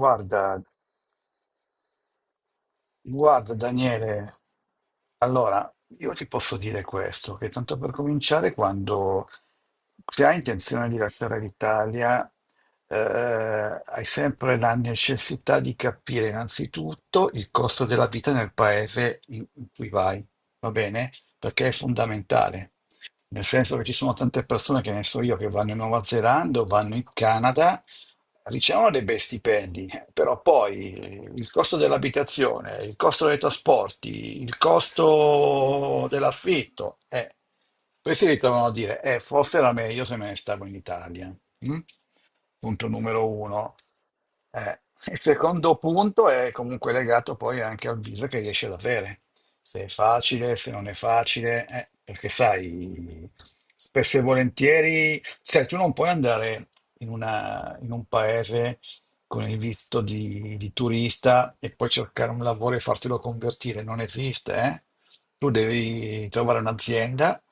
Guarda, guarda Daniele, allora io ti posso dire questo, che tanto per cominciare, quando se hai intenzione di lasciare l'Italia, hai sempre la necessità di capire innanzitutto il costo della vita nel paese in cui vai, va bene? Perché è fondamentale. Nel senso che ci sono tante persone che ne so io che vanno in Nuova Zelanda o vanno in Canada ricevono dei bei stipendi, però poi il costo dell'abitazione, il costo dei trasporti, il costo dell'affitto, poi si ritrovano a dire, forse era meglio se me ne stavo in Italia. Mm? Punto numero uno. Eh, il secondo punto è comunque legato poi anche al viso che riesci ad avere, se è facile, se non è facile, perché sai, spesso e volentieri, sai, tu non puoi andare in un paese con il visto di turista e poi cercare un lavoro e fartelo convertire. Non esiste, eh? Tu devi trovare un'azienda.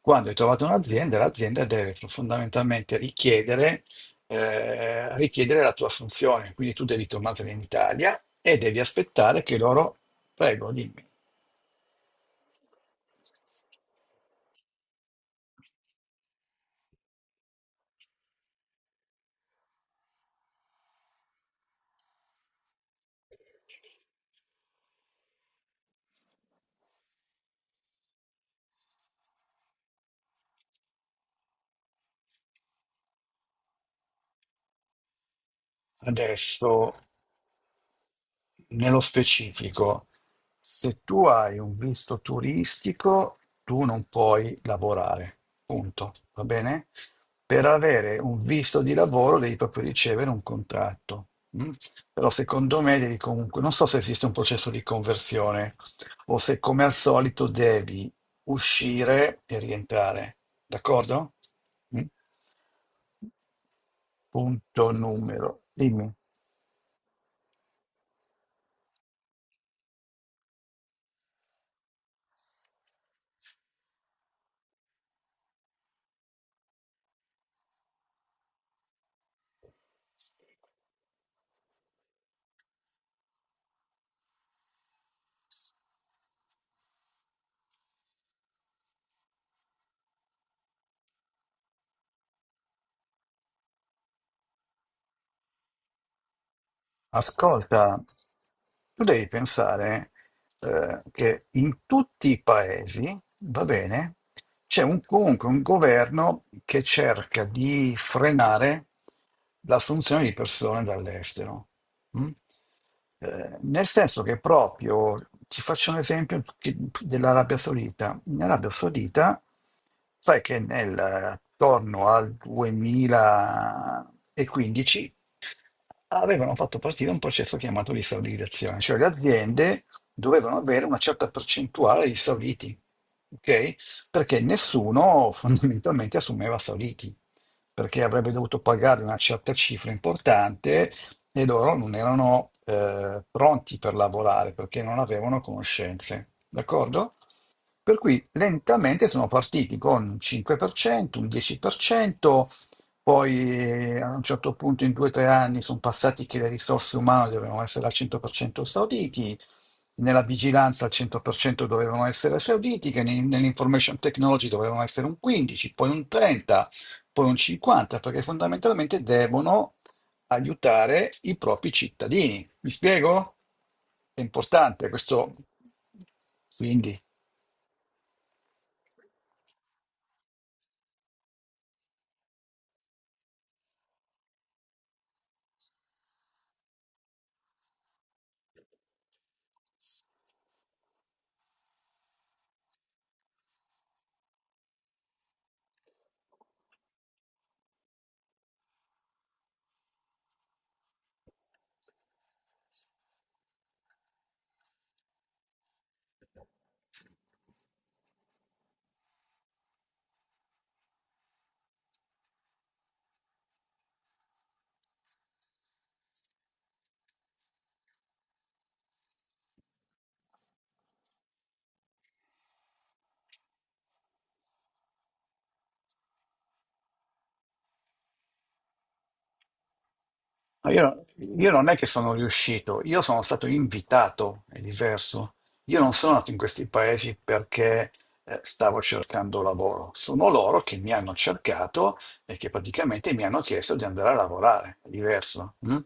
Quando hai trovato un'azienda, l'azienda deve fondamentalmente richiedere, richiedere la tua assunzione. Quindi tu devi tornare in Italia e devi aspettare che loro... Prego, dimmi. Adesso, nello specifico, se tu hai un visto turistico, tu non puoi lavorare, punto, va bene? Per avere un visto di lavoro devi proprio ricevere un contratto. Mm? Però secondo me devi comunque, non so se esiste un processo di conversione o se come al solito devi uscire e rientrare, d'accordo? Mm? Punto numero, dimmi. Ascolta, tu devi pensare che in tutti i paesi, va bene, comunque un governo che cerca di frenare l'assunzione di persone dall'estero. Mm? Nel senso che proprio, ti faccio un esempio che- dell'Arabia Saudita. In Arabia Saudita, sai che attorno al 2015 avevano fatto partire un processo chiamato di esaudizione, cioè le aziende dovevano avere una certa percentuale di sauditi, ok? Perché nessuno fondamentalmente assumeva sauditi, perché avrebbe dovuto pagare una certa cifra importante e loro non erano pronti per lavorare perché non avevano conoscenze, d'accordo? Per cui lentamente sono partiti con un 5%, un 10%, poi a un certo punto in due o tre anni sono passati che le risorse umane dovevano essere al 100% sauditi, nella vigilanza al 100% dovevano essere sauditi, nell'information technology dovevano essere un 15, poi un 30, poi un 50, perché fondamentalmente devono aiutare i propri cittadini. Mi spiego? È importante questo. Quindi. No, io non è che sono riuscito, io sono stato invitato, è diverso. Io non sono nato in questi paesi perché stavo cercando lavoro, sono loro che mi hanno cercato e che praticamente mi hanno chiesto di andare a lavorare, è diverso. Mm?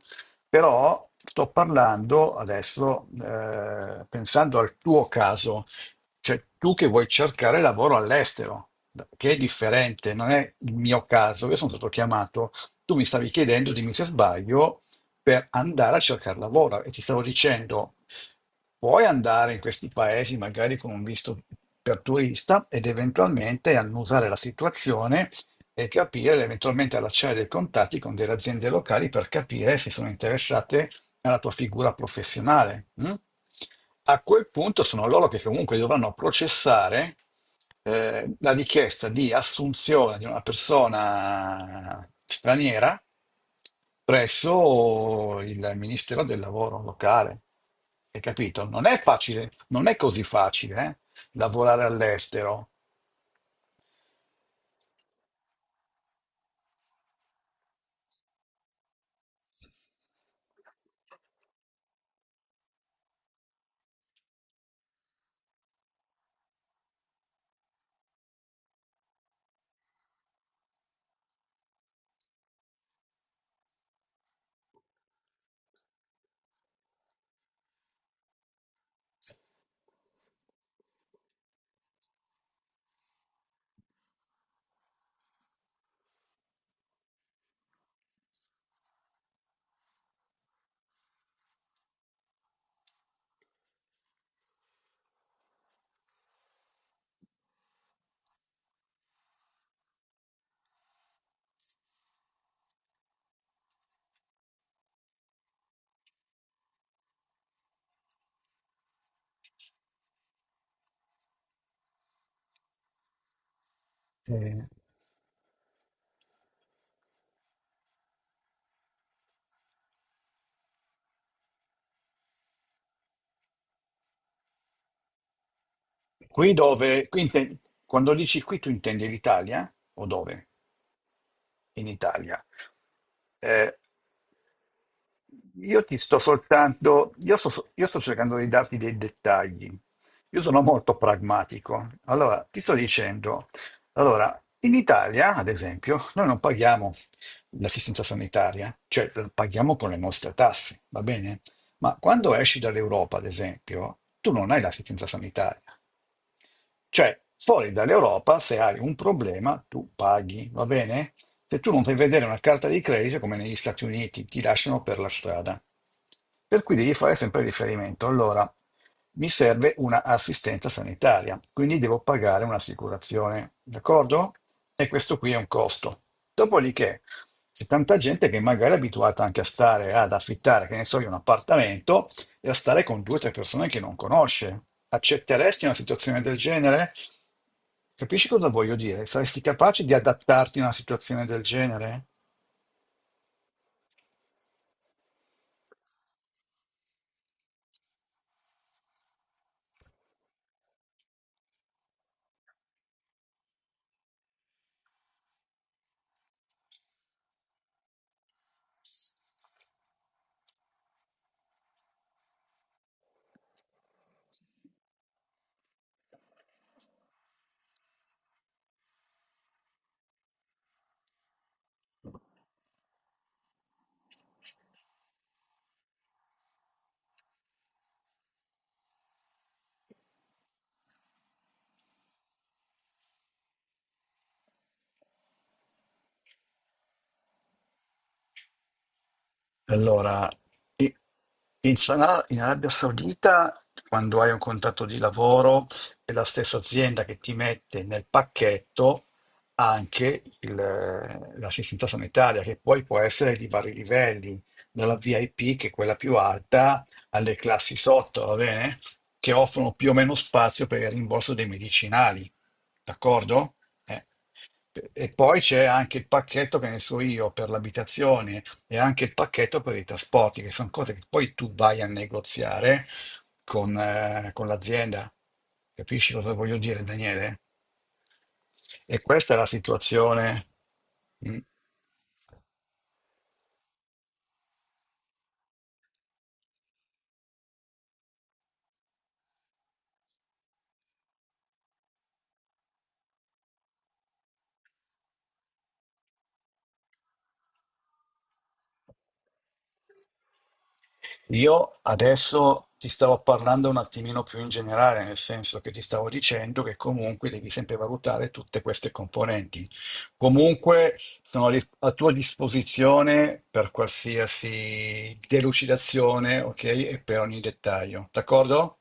Però sto parlando adesso, pensando al tuo caso, cioè tu che vuoi cercare lavoro all'estero, che è differente, non è il mio caso, io sono stato chiamato tu mi stavi chiedendo, dimmi se sbaglio, per andare a cercare lavoro e ti stavo dicendo, puoi andare in questi paesi magari con un visto per turista ed eventualmente annusare la situazione e capire, eventualmente allacciare dei contatti con delle aziende locali per capire se sono interessate nella tua figura professionale. Mm? A quel punto sono loro che comunque dovranno processare la richiesta di assunzione di una persona straniera presso il Ministero del Lavoro locale. Hai capito? Non è facile, non è così facile, lavorare all'estero. Eh, qui dove, qui inte- quando dici qui tu intendi l'Italia o dove? In Italia. Eh, io ti sto soltanto, io sto, so, io sto cercando di darti dei dettagli. Io sono molto pragmatico. Allora, ti sto dicendo, allora, in Italia, ad esempio, noi non paghiamo l'assistenza sanitaria, cioè la paghiamo con le nostre tasse, va bene? Ma quando esci dall'Europa, ad esempio, tu non hai l'assistenza sanitaria. Cioè, fuori dall'Europa, se hai un problema, tu paghi, va bene? Se tu non fai vedere una carta di credito, come negli Stati Uniti, ti lasciano per la strada. Per cui devi fare sempre riferimento. Allora, mi serve una assistenza sanitaria, quindi devo pagare un'assicurazione, d'accordo? E questo qui è un costo. Dopodiché, c'è tanta gente che magari è abituata anche a stare, ad affittare, che ne so io, un appartamento e a stare con due o tre persone che non conosce. Accetteresti una situazione del genere? Capisci cosa voglio dire? Saresti capace di adattarti a una situazione del genere? Allora, i- in Arabia Saudita, quando hai un contratto di lavoro, è la stessa azienda che ti mette nel pacchetto anche l'assistenza sanitaria, che poi può essere di vari livelli, dalla VIP, che è quella più alta, alle classi sotto, va bene? Che offrono più o meno spazio per il rimborso dei medicinali, d'accordo? Eh. E poi c'è anche il pacchetto che ne so io per l'abitazione e anche il pacchetto per i trasporti, che sono cose che poi tu vai a negoziare con l'azienda. Capisci cosa voglio dire, Daniele? E questa è la situazione. Mm? Io adesso ti stavo parlando un attimino più in generale, nel senso che ti stavo dicendo che comunque devi sempre valutare tutte queste componenti. Comunque sono a tua disposizione per qualsiasi delucidazione, ok? E per ogni dettaglio, d'accordo?